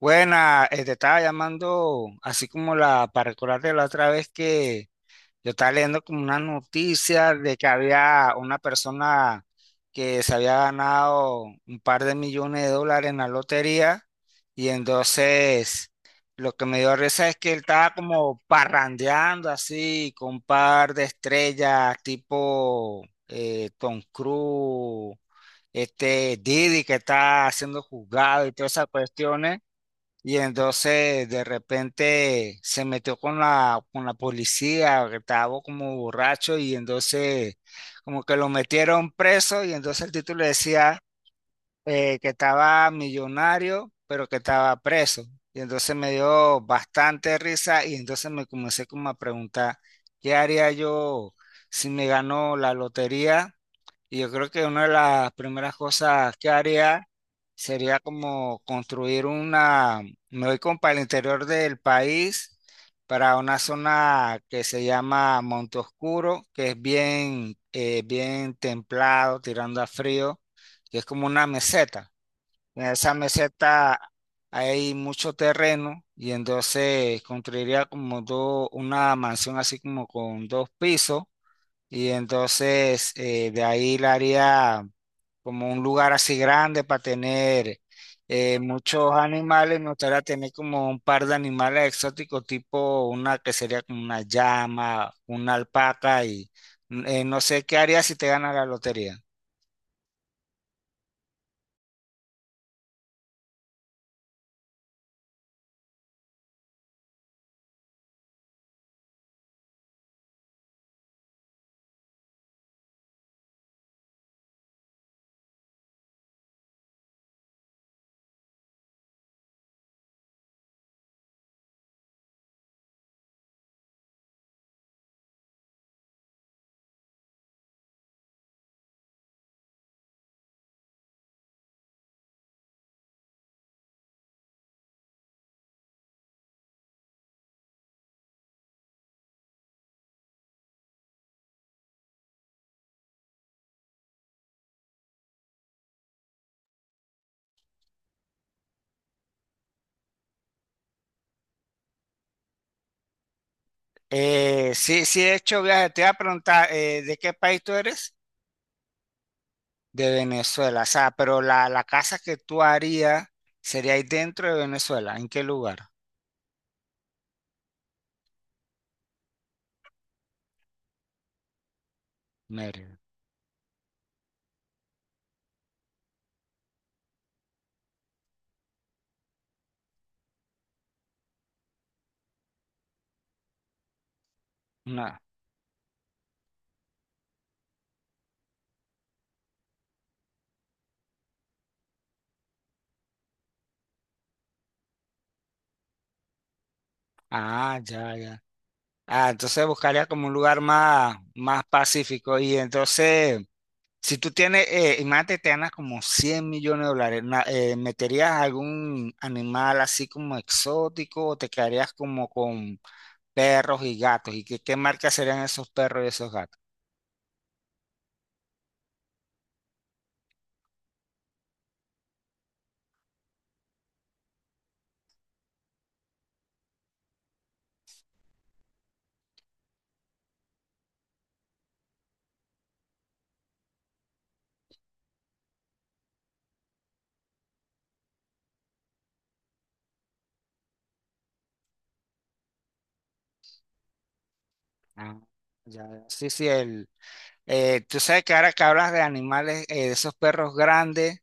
Buena, te estaba llamando así como la para recordarte la otra vez que yo estaba leyendo como una noticia de que había una persona que se había ganado un par de millones de dólares en la lotería y entonces lo que me dio risa es que él estaba como parrandeando así con un par de estrellas tipo Tom Cruise, este Didi que está siendo juzgado y todas esas cuestiones. Y entonces de repente se metió con con la policía, que estaba como borracho, y entonces como que lo metieron preso, y entonces el título decía que estaba millonario, pero que estaba preso. Y entonces me dio bastante risa, y entonces me comencé como a preguntar, ¿qué haría yo si me ganó la lotería? Y yo creo que una de las primeras cosas que haría sería como construir una, me voy como para el interior del país, para una zona que se llama Monte Oscuro, que es bien, bien templado, tirando a frío, que es como una meseta. En esa meseta hay mucho terreno y entonces construiría como una mansión así como con dos pisos y entonces de ahí la haría como un lugar así grande para tener muchos animales. Me gustaría tener como un par de animales exóticos, tipo una que sería como una llama, una alpaca y no sé qué harías si te ganas la lotería. Sí, sí he hecho viajes. Te iba a preguntar, ¿de qué país tú eres? De Venezuela. O sea, pero la casa que tú harías sería ahí dentro de Venezuela. ¿En qué lugar? Mérida. No. Ah, ya, ya. Ah, entonces buscaría como un lugar más, más pacífico. Y entonces, si tú tienes, imagínate, te ganas como 100 millones de dólares, ¿meterías algún animal así como exótico o te quedarías como con perros y gatos? ¿Y qué, qué marca serían esos perros y esos gatos? Ah, ya, ya. Sí, sí, el, tú sabes que ahora que hablas de animales, de esos perros grandes,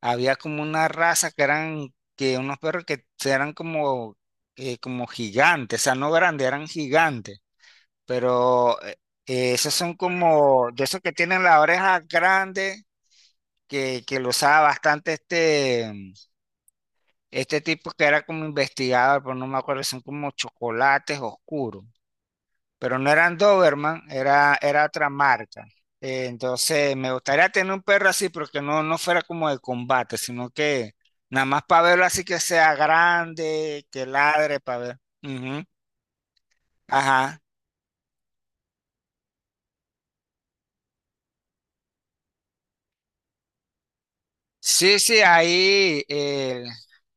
había como una raza que eran que unos perros que eran como, como gigantes, o sea, no grandes, eran gigantes, pero esos son como de esos que tienen la oreja grande, que lo usaba bastante este, este tipo que era como investigador, pero no me acuerdo, son como chocolates oscuros pero no eran Doberman, era otra marca. Entonces, me gustaría tener un perro así, pero que no, no fuera como de combate, sino que nada más para verlo así que sea grande, que ladre, para ver. Ujú. Ajá. Sí, sí, ahí,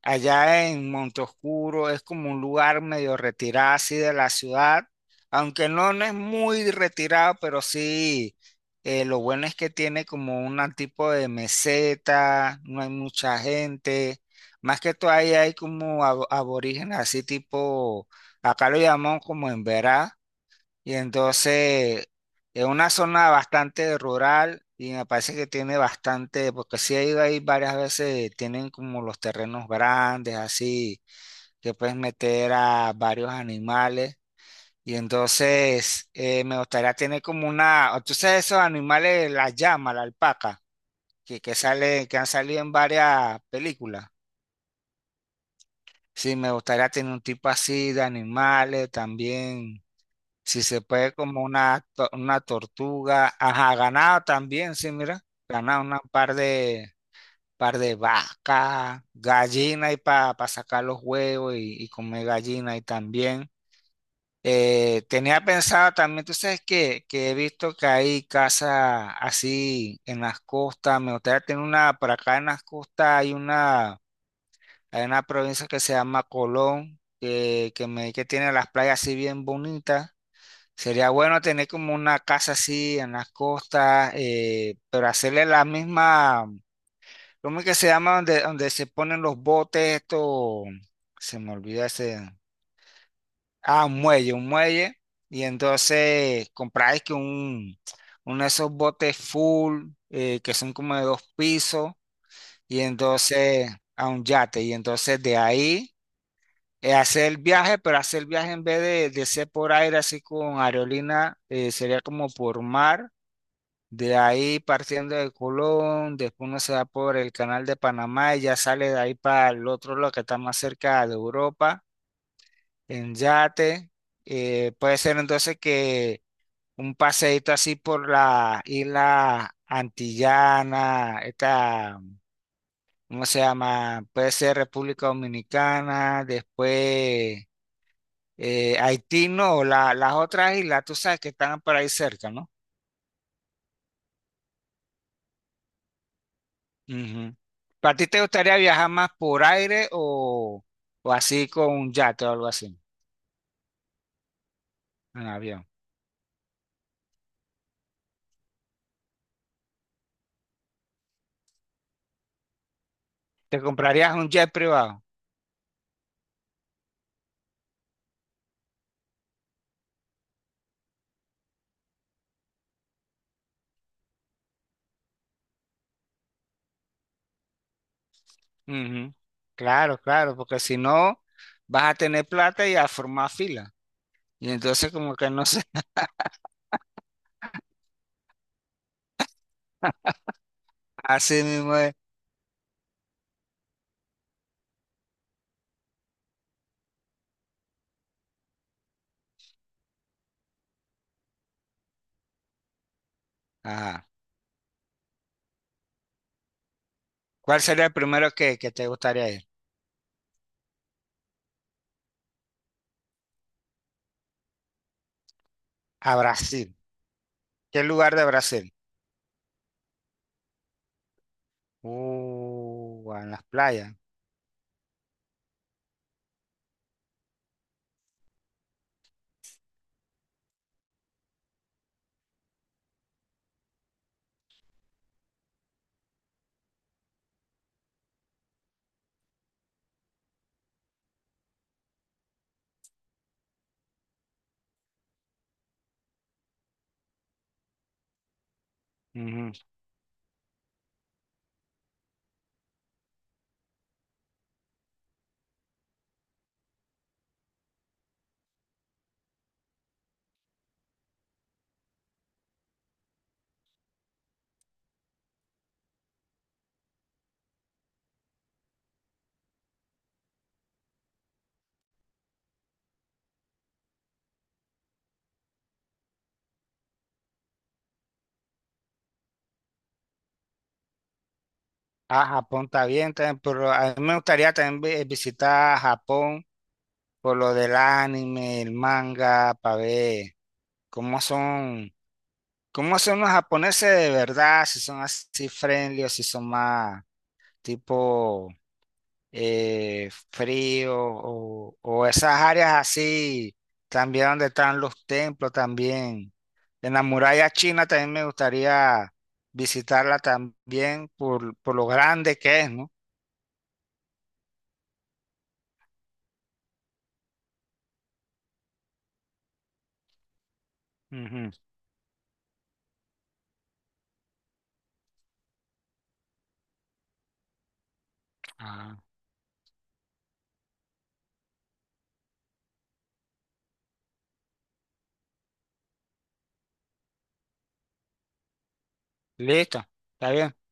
allá en Montoscuro es como un lugar medio retirado así de la ciudad, aunque no, no es muy retirado, pero sí, lo bueno es que tiene como un tipo de meseta, no hay mucha gente, más que todo ahí hay como aborígenes así tipo, acá lo llamamos como en y entonces es una zona bastante rural y me parece que tiene bastante, porque sí he ido ahí varias veces, tienen como los terrenos grandes, así, que puedes meter a varios animales. Y entonces me gustaría tener como una, o tú sabes esos animales, la llama, la alpaca, que sale, que han salido en varias películas. Sí, me gustaría tener un tipo así de animales también. Si se puede como una, una tortuga. Ajá, ganado también, sí, mira. Ganado una par de vaca, gallina y para sacar los huevos y comer gallina y también. Tenía pensado también, tú sabes que he visto que hay casas así en las costas. Me gustaría tener una, por acá en las costas hay una provincia que se llama Colón, que tiene las playas así bien bonitas. Sería bueno tener como una casa así en las costas, pero hacerle la misma, ¿cómo es que se llama? Donde se ponen los botes, esto, se me olvida ese, ah, un muelle, y entonces compráis que un, uno de esos botes full, que son como de dos pisos, y entonces a un yate, y entonces de ahí hacer el viaje, pero hacer el viaje en vez de ser por aire, así con aerolínea, sería como por mar. De ahí partiendo de Colón, después uno se va por el canal de Panamá y ya sale de ahí para el otro lado que está más cerca de Europa, en yate. Puede ser entonces que un paseíto así por la isla Antillana, esta, ¿cómo se llama? Puede ser República Dominicana, después Haití, no, las otras islas, tú sabes que están por ahí cerca, ¿no? Ujú. ¿Para ti te gustaría viajar más por aire o así con un yate o algo así, en avión? ¿Te comprarías un jet privado? Ujú. Claro, claro, porque si no, vas a tener plata y a formar fila. Y entonces como que no sé, así mismo es. Ajá. ¿Cuál sería el primero que te gustaría ir? A Brasil. ¿Qué lugar de Brasil? En las playas. Ujú. Ah, Japón está bien también, pero a mí me gustaría también visitar Japón por lo del anime, el manga, para ver cómo son, cómo son los japoneses de verdad, si son así friendly o si son más tipo frío o esas áreas así, también donde están los templos también. En la muralla china también me gustaría visitarla también por lo grande que es, ¿no? Ujú. Ah, listo, está bien.